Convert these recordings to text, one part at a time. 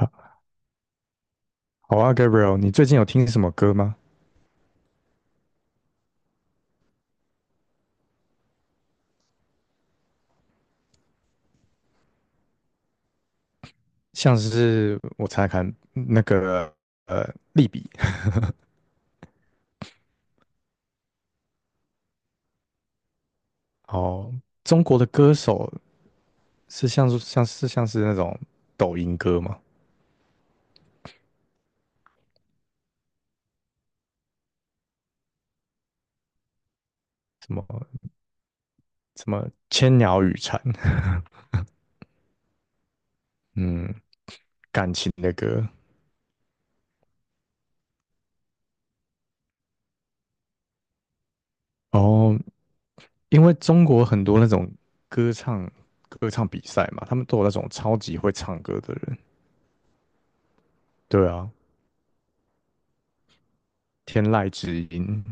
好啊，Gabriel，你最近有听什么歌吗？像是我猜猜看那个呃，利比哦，中国的歌手是像是那种抖音歌吗？什么什么千鸟语蝉，嗯，感情的歌哦，因为中国很多那种歌唱歌唱比赛嘛，他们都有那种超级会唱歌的人，对啊，天籁之音，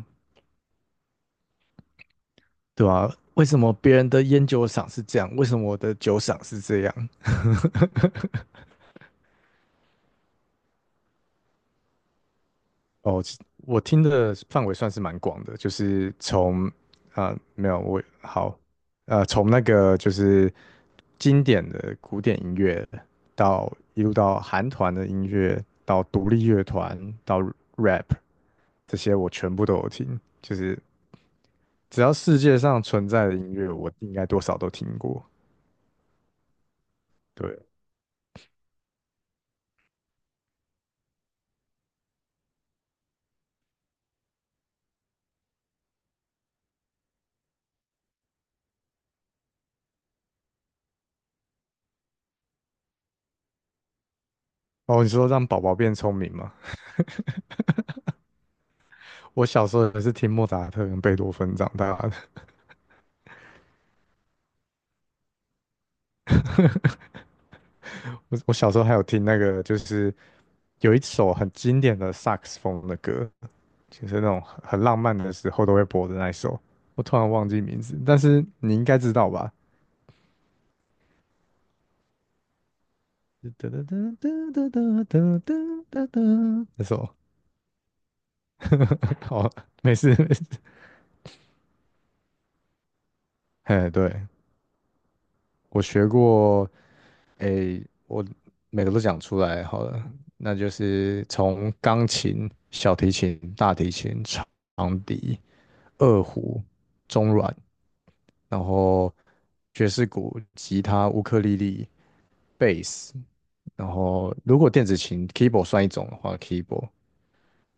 对啊，为什么别人的烟酒赏是这样？为什么我的酒赏是这样？哦，我听的范围算是蛮广的，就是从啊、呃没有我好从那个就是经典的古典音乐到一路到韩团的音乐，到独立乐团，到 rap 这些我全部都有听，就是只要世界上存在的音乐，我应该多少都听过。对哦，你说让宝宝变聪明吗？我小时候也是听莫扎特跟贝多芬长大的。我小时候还有听那个，就是有一首很经典的萨克斯风的歌，就是那种很浪漫的时候都会播的那一首。我突然忘记名字，但是你应该知道吧？哒哒哒哒哒哒哒哒哒哒，那首 好，没事没事。嘿，对，我学过，诶，我每个都讲出来好了，那就是从钢琴、小提琴、大提琴、长笛、二胡、中阮，然后爵士鼓、吉他、乌克丽丽、贝斯，然后如果电子琴 keyboard 算一种的话，keyboard，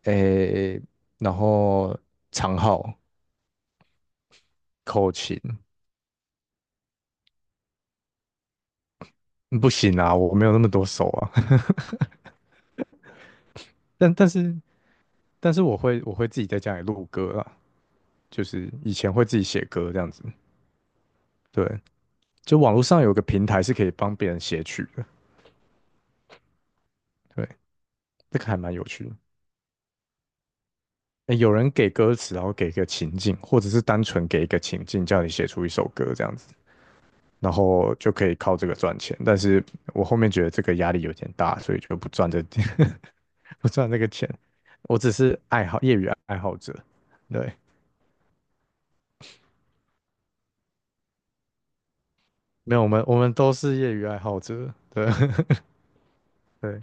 诶，然后长号、口琴，嗯不行啊，我没有那么多手啊，但但是但是我会自己在家里录歌啊。就是以前会自己写歌这样子，对，就网络上有个平台是可以帮别人写曲的，对，这个还蛮有趣的。欸有人给歌词，然后给一个情境，或者是单纯给一个情境，叫你写出一首歌这样子，然后就可以靠这个赚钱。但是我后面觉得这个压力有点大，所以就不赚这 不赚这个钱。我只是爱好业余爱好者，对，没有我们都是业余爱好者，对 对。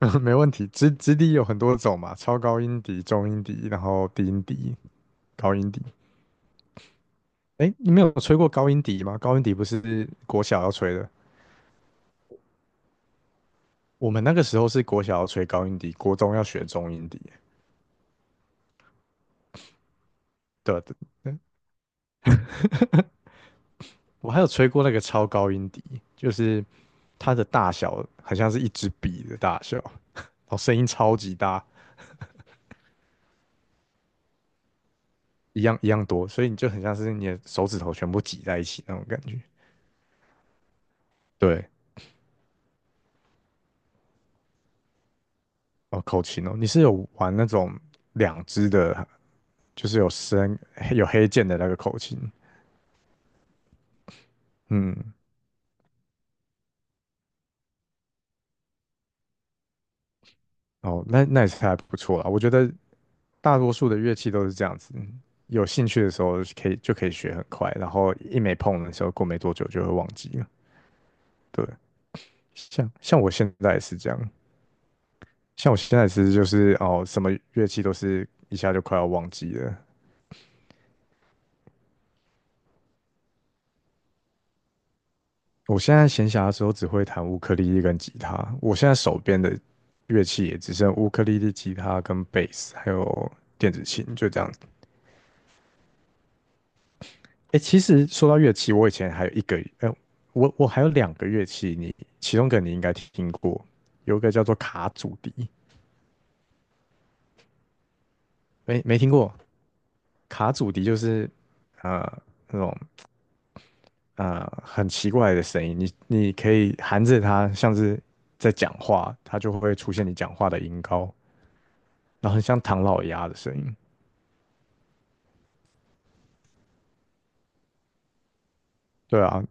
没问题。直笛有很多种嘛，超高音笛、中音笛，然后低音笛、高音笛。哎，你没有吹过高音笛吗？高音笛不是国小要吹的，我们那个时候是国小要吹高音笛，国中要学中音笛。对啊，对我还有吹过那个超高音笛，就是它的大小很像是一支笔的大小，哦，声音超级大，一样一样多，所以你就很像是你的手指头全部挤在一起那种感觉。对，哦，口琴哦，你是有玩那种两只的就是有深有黑键的那个口琴，嗯，哦，那那也是还不错啦。我觉得大多数的乐器都是这样子，有兴趣的时候可以学很快，然后一没碰的时候，过没多久就会忘记了。对，像我现在也是这样，像我现在其实就是哦，什么乐器都是一下就快要忘记了。我现在闲暇的时候只会弹乌克丽丽跟吉他，我现在手边的乐器也只剩乌克丽丽、吉他跟贝斯，还有电子琴，就这样哎，其实说到乐器，我以前还有一个，我还有两个乐器，你其中一个你应该听过，有一个叫做卡祖笛，没没听过？卡祖笛就是呃那种很奇怪的声音，你可以含着它，像是在讲话，它就会出现你讲话的音高，然后很像唐老鸭的声音。对啊，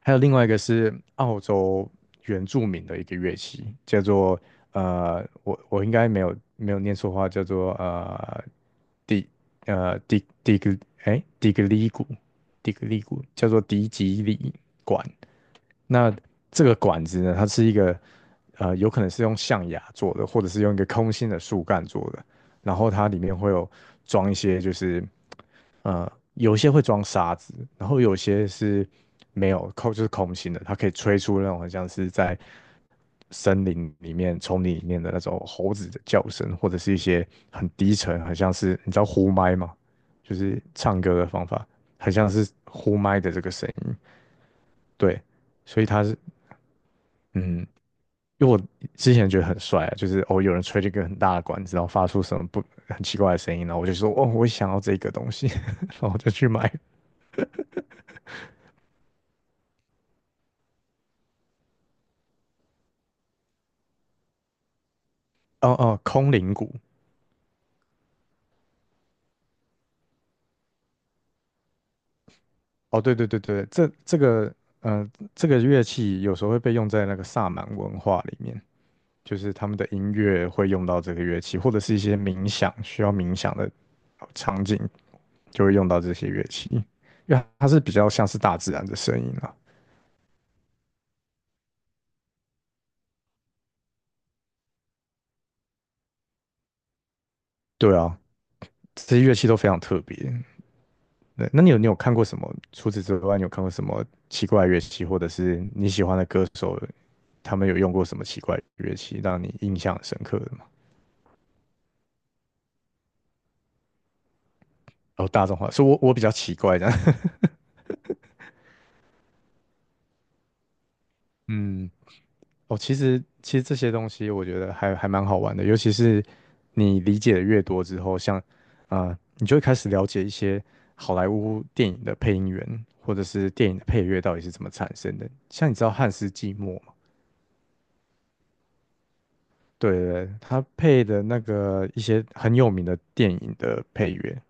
还有另外一个是澳洲原住民的一个乐器，叫做我应该没有念错话，叫做迪呃迪迪格迪格里鼓，迪格里鼓叫做迪吉里管。那这个管子呢，它是一个呃，有可能是用象牙做的，或者是用一个空心的树干做的，然后它里面会有装一些就是。呃，有些会装沙子，然后有些是没有空，就是空心的，它可以吹出那种很像是在森林里面、丛林里面的那种猴子的叫声，或者是一些很低沉，很像是，你知道呼麦吗？就是唱歌的方法，很像是呼麦的这个声音。对，所以它是嗯，因为我之前觉得很帅啊，就是哦，有人吹这个很大的管子，然后发出什么不很奇怪的声音，然后我就说哦，我想要这个东西，然后我就去买。哦哦，空灵鼓。哦，对，这个嗯这个乐器有时候会被用在那个萨满文化里面，就是他们的音乐会用到这个乐器，或者是一些冥想需要冥想的场景就会用到这些乐器，因为它是比较像是大自然的声音啊。对啊，这些乐器都非常特别。对，那你有看过什么？除此之外，你有看过什么奇怪的乐器，或者是你喜欢的歌手，他们有用过什么奇怪的乐器，让你印象很深刻的吗？哦，大众化，所以我比较奇怪的，嗯，哦，其实这些东西我觉得还蛮好玩的，尤其是你理解的越多之后，像你就会开始了解一些好莱坞电影的配音员或者是电影的配乐到底是怎么产生的。像你知道汉斯季默吗？对，他配的那个一些很有名的电影的配乐，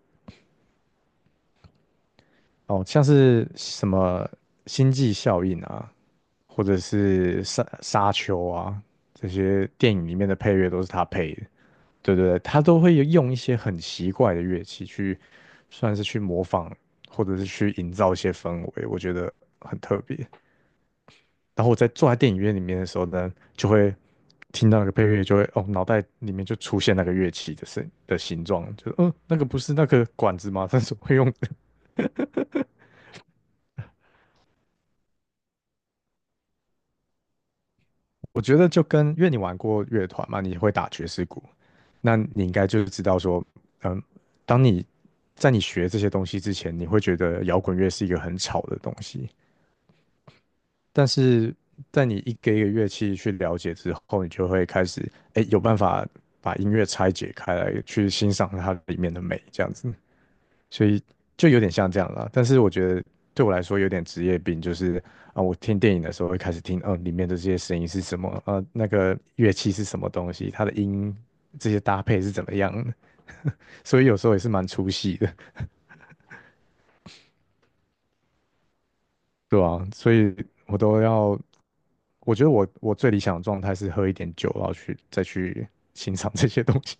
哦，像是什么星际效应啊，或者是沙丘啊，这些电影里面的配乐都是他配的，对，他都会用一些很奇怪的乐器去，算是去模仿，或者是去营造一些氛围，我觉得很特别。然后我在坐在电影院里面的时候呢，就会听到那个配乐，就会哦，脑袋里面就出现那个乐器的声的形状，就嗯，那个不是那个管子吗？但是会用我觉得就跟，因为你玩过乐团嘛，你会打爵士鼓，那你应该就知道说，嗯，当你在你学这些东西之前，你会觉得摇滚乐是一个很吵的东西，但是在你一个乐器去了解之后，你就会开始，哎，有办法把音乐拆解开来，去欣赏它里面的美，这样子。所以就有点像这样了，但是我觉得对我来说有点职业病，就是啊，我听电影的时候会开始听，嗯，里面的这些声音是什么，呃，那个乐器是什么东西，它的音这些搭配是怎么样的，所以有时候也是蛮出戏的，对啊，所以我都要，我觉得我最理想的状态是喝一点酒，然后再去欣赏这些东西，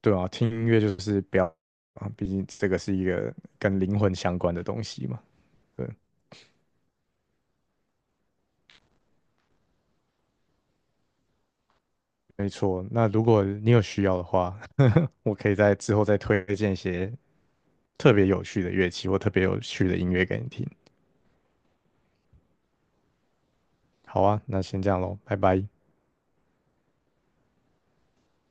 对啊，听音乐就是不要啊，毕竟这个是一个跟灵魂相关的东西嘛。对。没错，那如果你有需要的话，我可以在之后再推荐一些特别有趣的乐器或特别有趣的音乐给你听。好啊，那先这样喽，拜拜。